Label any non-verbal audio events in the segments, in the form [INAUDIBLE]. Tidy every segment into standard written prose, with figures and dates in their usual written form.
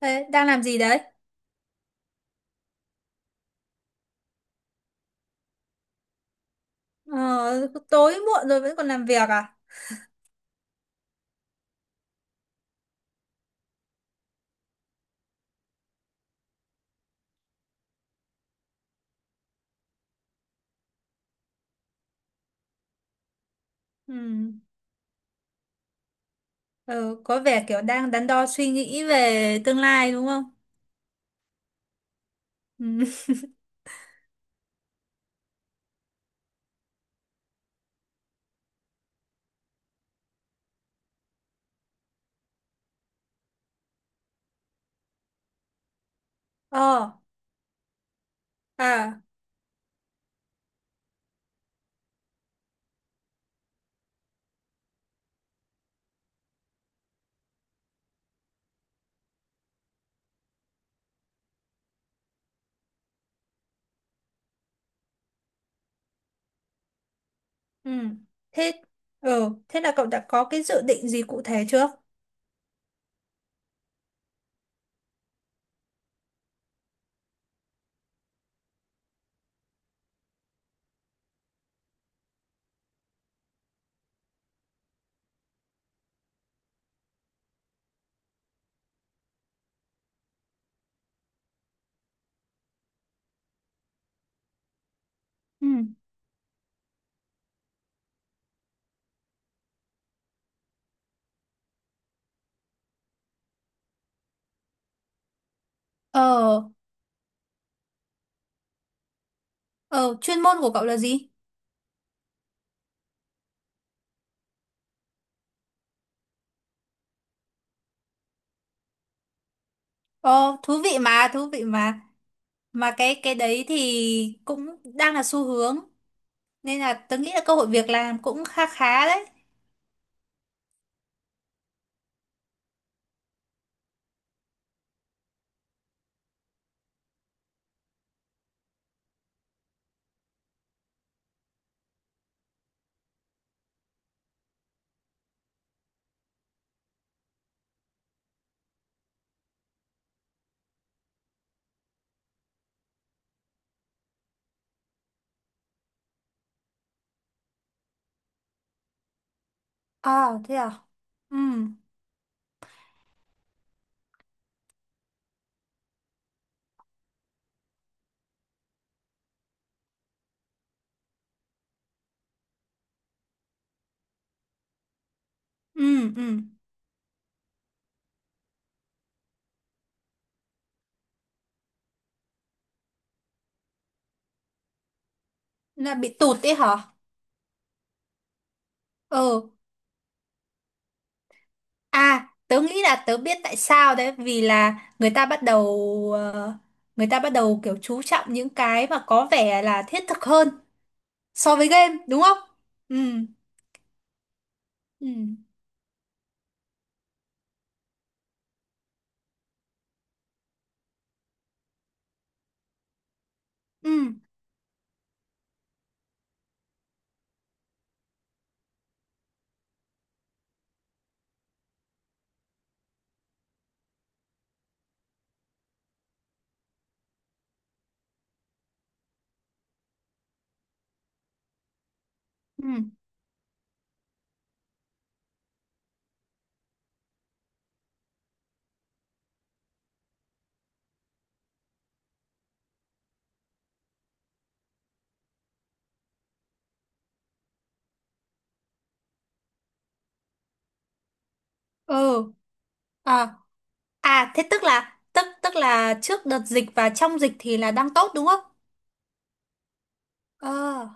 Thế đang làm gì đấy? Ờ, tối muộn rồi vẫn còn làm việc à? Ừ. Ờ, có vẻ kiểu đang đắn đo suy nghĩ về tương lai đúng không? Ừ. [LAUGHS] Ờ, à, ừ. Thế, ờ, thế là cậu đã có cái dự định gì cụ thể chưa? Ừ. Ờ, ờ, chuyên môn của cậu là gì? Ờ, thú vị mà, thú vị mà. Mà cái đấy thì cũng đang là xu hướng. Nên là tớ nghĩ là cơ hội việc làm cũng khá khá đấy. Ờ, thế à? Ừ, ừ, ừ. Là bị tụt ấy hả? Ừ. À, tớ nghĩ là tớ biết tại sao đấy, vì là người ta bắt đầu ờ, người ta bắt đầu kiểu chú trọng những cái mà có vẻ là thiết thực hơn so với game đúng không? Ừ, ừ, ừ, ừ, ừ, à, à, thế tức là trước đợt dịch và trong dịch thì là đang tốt đúng không? Ờ,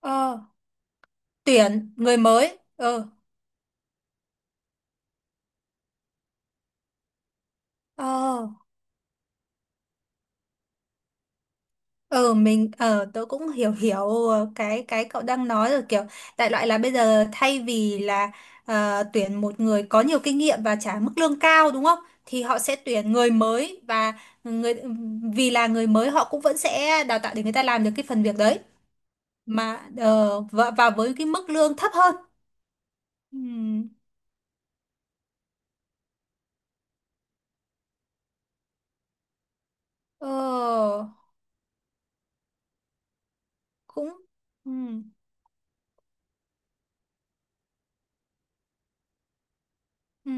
ờ, tuyển người mới. Ờ, ờ. Ờ, mình ờ tớ cũng hiểu hiểu cái cậu đang nói rồi, kiểu đại loại là bây giờ thay vì là tuyển một người có nhiều kinh nghiệm và trả mức lương cao đúng không? Thì họ sẽ tuyển người mới, và người vì là người mới họ cũng vẫn sẽ đào tạo để người ta làm được cái phần việc đấy, và với cái mức lương thấp hơn. Ừ. Ờ, cũng ừ, ừ,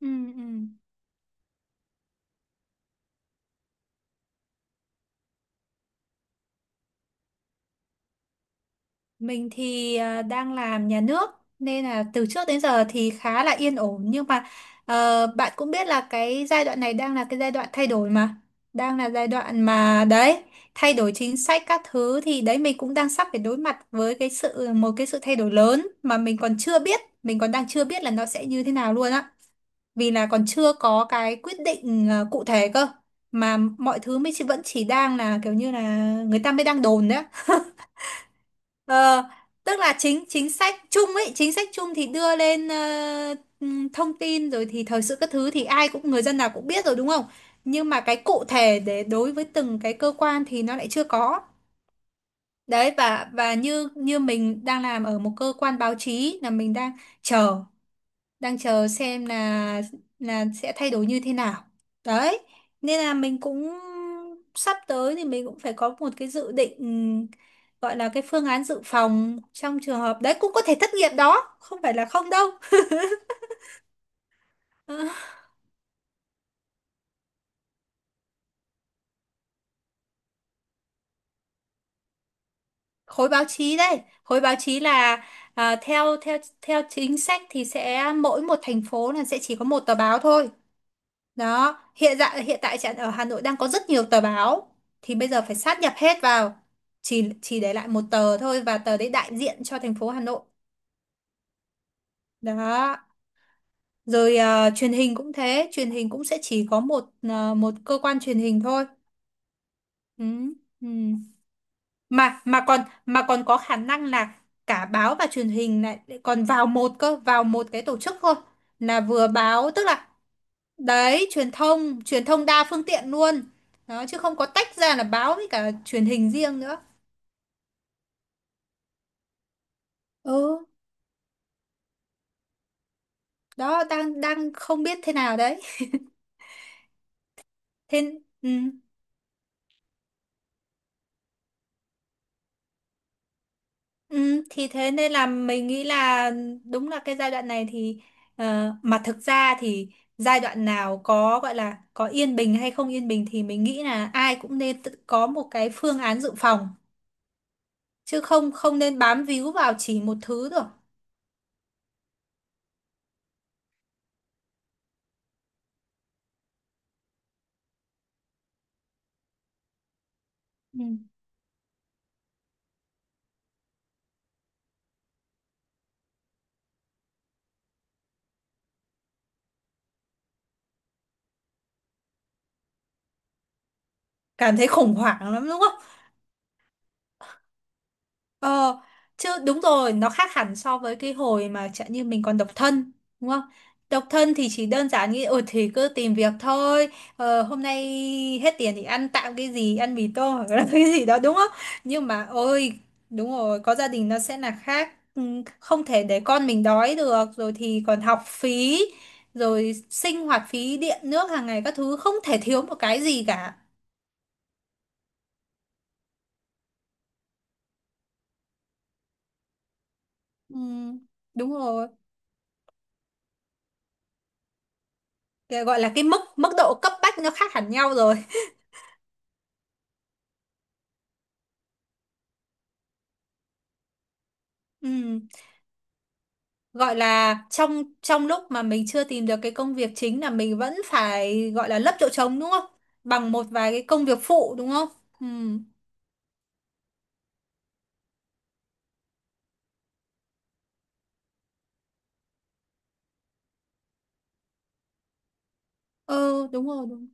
ừ, ừ. Mình thì à, đang làm nhà nước, nên là từ trước đến giờ thì khá là yên ổn, nhưng mà ờ, bạn cũng biết là cái giai đoạn này đang là cái giai đoạn thay đổi mà, đang là giai đoạn mà đấy, thay đổi chính sách các thứ, thì đấy mình cũng đang sắp phải đối mặt với cái sự một cái sự thay đổi lớn mà mình còn chưa biết mình còn đang chưa biết là nó sẽ như thế nào luôn á, vì là còn chưa có cái quyết định ờ, cụ thể cơ, mà mọi thứ mới chỉ vẫn chỉ đang là kiểu như là người ta mới đang đồn đấy á. [LAUGHS] Ờ, tức là chính chính sách chung ấy, chính sách chung thì đưa lên thông tin rồi thì thời sự các thứ thì ai cũng, người dân nào cũng biết rồi đúng không? Nhưng mà cái cụ thể để đối với từng cái cơ quan thì nó lại chưa có. Đấy, và như như mình đang làm ở một cơ quan báo chí, là mình chờ đang chờ xem là sẽ thay đổi như thế nào, đấy, nên là mình cũng sắp tới thì mình cũng phải có một cái dự định, gọi là cái phương án dự phòng trong trường hợp đấy cũng có thể thất nghiệp, đó không phải là không đâu. Ờ, khối báo chí là à, theo theo theo chính sách thì sẽ mỗi một thành phố là sẽ chỉ có một tờ báo thôi. Đó, hiện tại ở Hà Nội đang có rất nhiều tờ báo, thì bây giờ phải sát nhập hết vào, chỉ để lại một tờ thôi và tờ đấy đại diện cho thành phố Hà Nội. Đó. Rồi ờ, truyền hình cũng thế, truyền hình cũng sẽ chỉ có một ờ, một cơ quan truyền hình thôi. Ừ. Ừ. Mà mà còn mà còn có khả năng là cả báo và truyền hình lại lại còn vào một cái tổ chức thôi. Là vừa báo, tức là đấy, truyền thông đa phương tiện luôn, đó, chứ không có tách ra là báo với cả truyền hình riêng nữa. Ừ. Đó, đang đang không biết thế nào đấy. Thế ừ, ừ, thì thế nên là mình nghĩ là, đúng là cái giai đoạn này thì ờ, mà thực ra thì giai đoạn nào có gọi là có yên bình hay không yên bình thì mình nghĩ là ai cũng nên tự có một cái phương án dự phòng, chứ không không nên bám víu vào chỉ một thứ được. Ừ. Cảm thấy khủng hoảng lắm đúng không? Ờ, chứ đúng rồi, nó khác hẳn so với cái hồi mà chẳng như mình còn độc thân, đúng không? Độc thân thì chỉ đơn giản nghĩ, ừ thì cứ tìm việc thôi, ờ, hôm nay hết tiền thì ăn tạm cái gì, ăn mì tôm hoặc là [LAUGHS] cái gì đó, đúng không? Nhưng mà ôi, đúng rồi, có gia đình nó sẽ là khác. Ừ, không thể để con mình đói được, rồi thì còn học phí, rồi sinh hoạt phí, điện nước hàng ngày các thứ, không thể thiếu một cái gì cả. Ừ, đúng rồi. Cái gọi là cái mức mức độ cấp bách nó khác hẳn nhau rồi. Ừ. Gọi là trong trong lúc mà mình chưa tìm được cái công việc chính là mình vẫn phải gọi là lấp chỗ trống đúng không, bằng một vài cái công việc phụ đúng không. Ừ. Ừ, đúng rồi, đúng.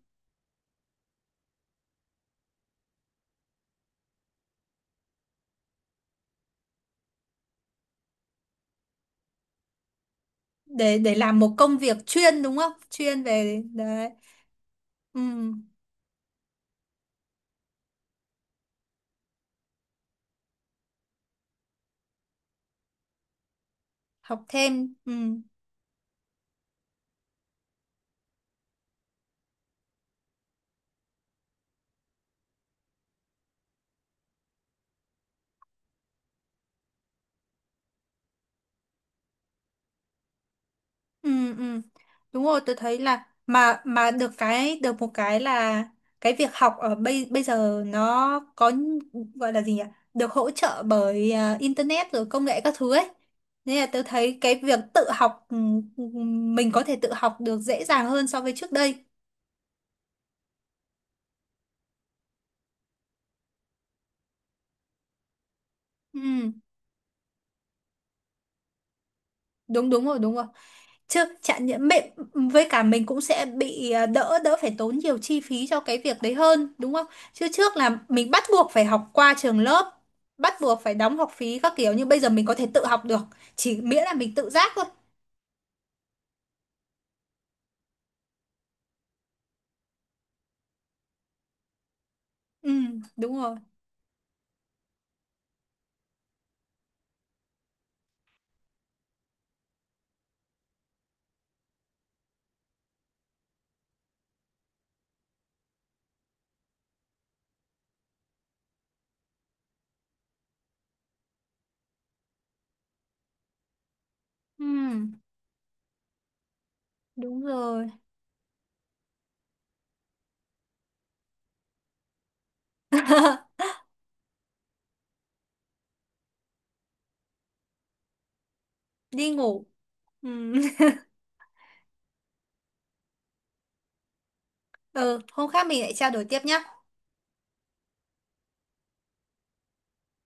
Để làm một công việc chuyên đúng không, chuyên về đấy. Ừ. Học thêm, ừ. Ừ, ừ. Đúng rồi, tôi thấy là, mà được cái, được một cái là cái việc học ở bây bây giờ nó có, gọi là gì nhỉ? Được hỗ trợ bởi à, internet rồi công nghệ các thứ ấy. Nên là tôi thấy cái việc tự học ừ, ừ, mình có thể tự học được dễ dàng hơn so với trước đây. Ừ, đúng đúng rồi, đúng rồi. Chứ chẳng những mẹ với cả mình cũng sẽ bị à, đỡ đỡ phải tốn nhiều chi phí cho cái việc đấy hơn đúng không. Chứ trước là mình bắt buộc phải học qua trường lớp, bắt buộc phải đóng học phí các kiểu, nhưng bây giờ mình có thể tự học được, chỉ miễn là mình tự giác thôi. Ừ, đúng rồi. Ừ, đúng rồi. [LAUGHS] Đi ngủ. Ừ. [LAUGHS] Ừ, hôm khác mình lại trao đổi tiếp nhá.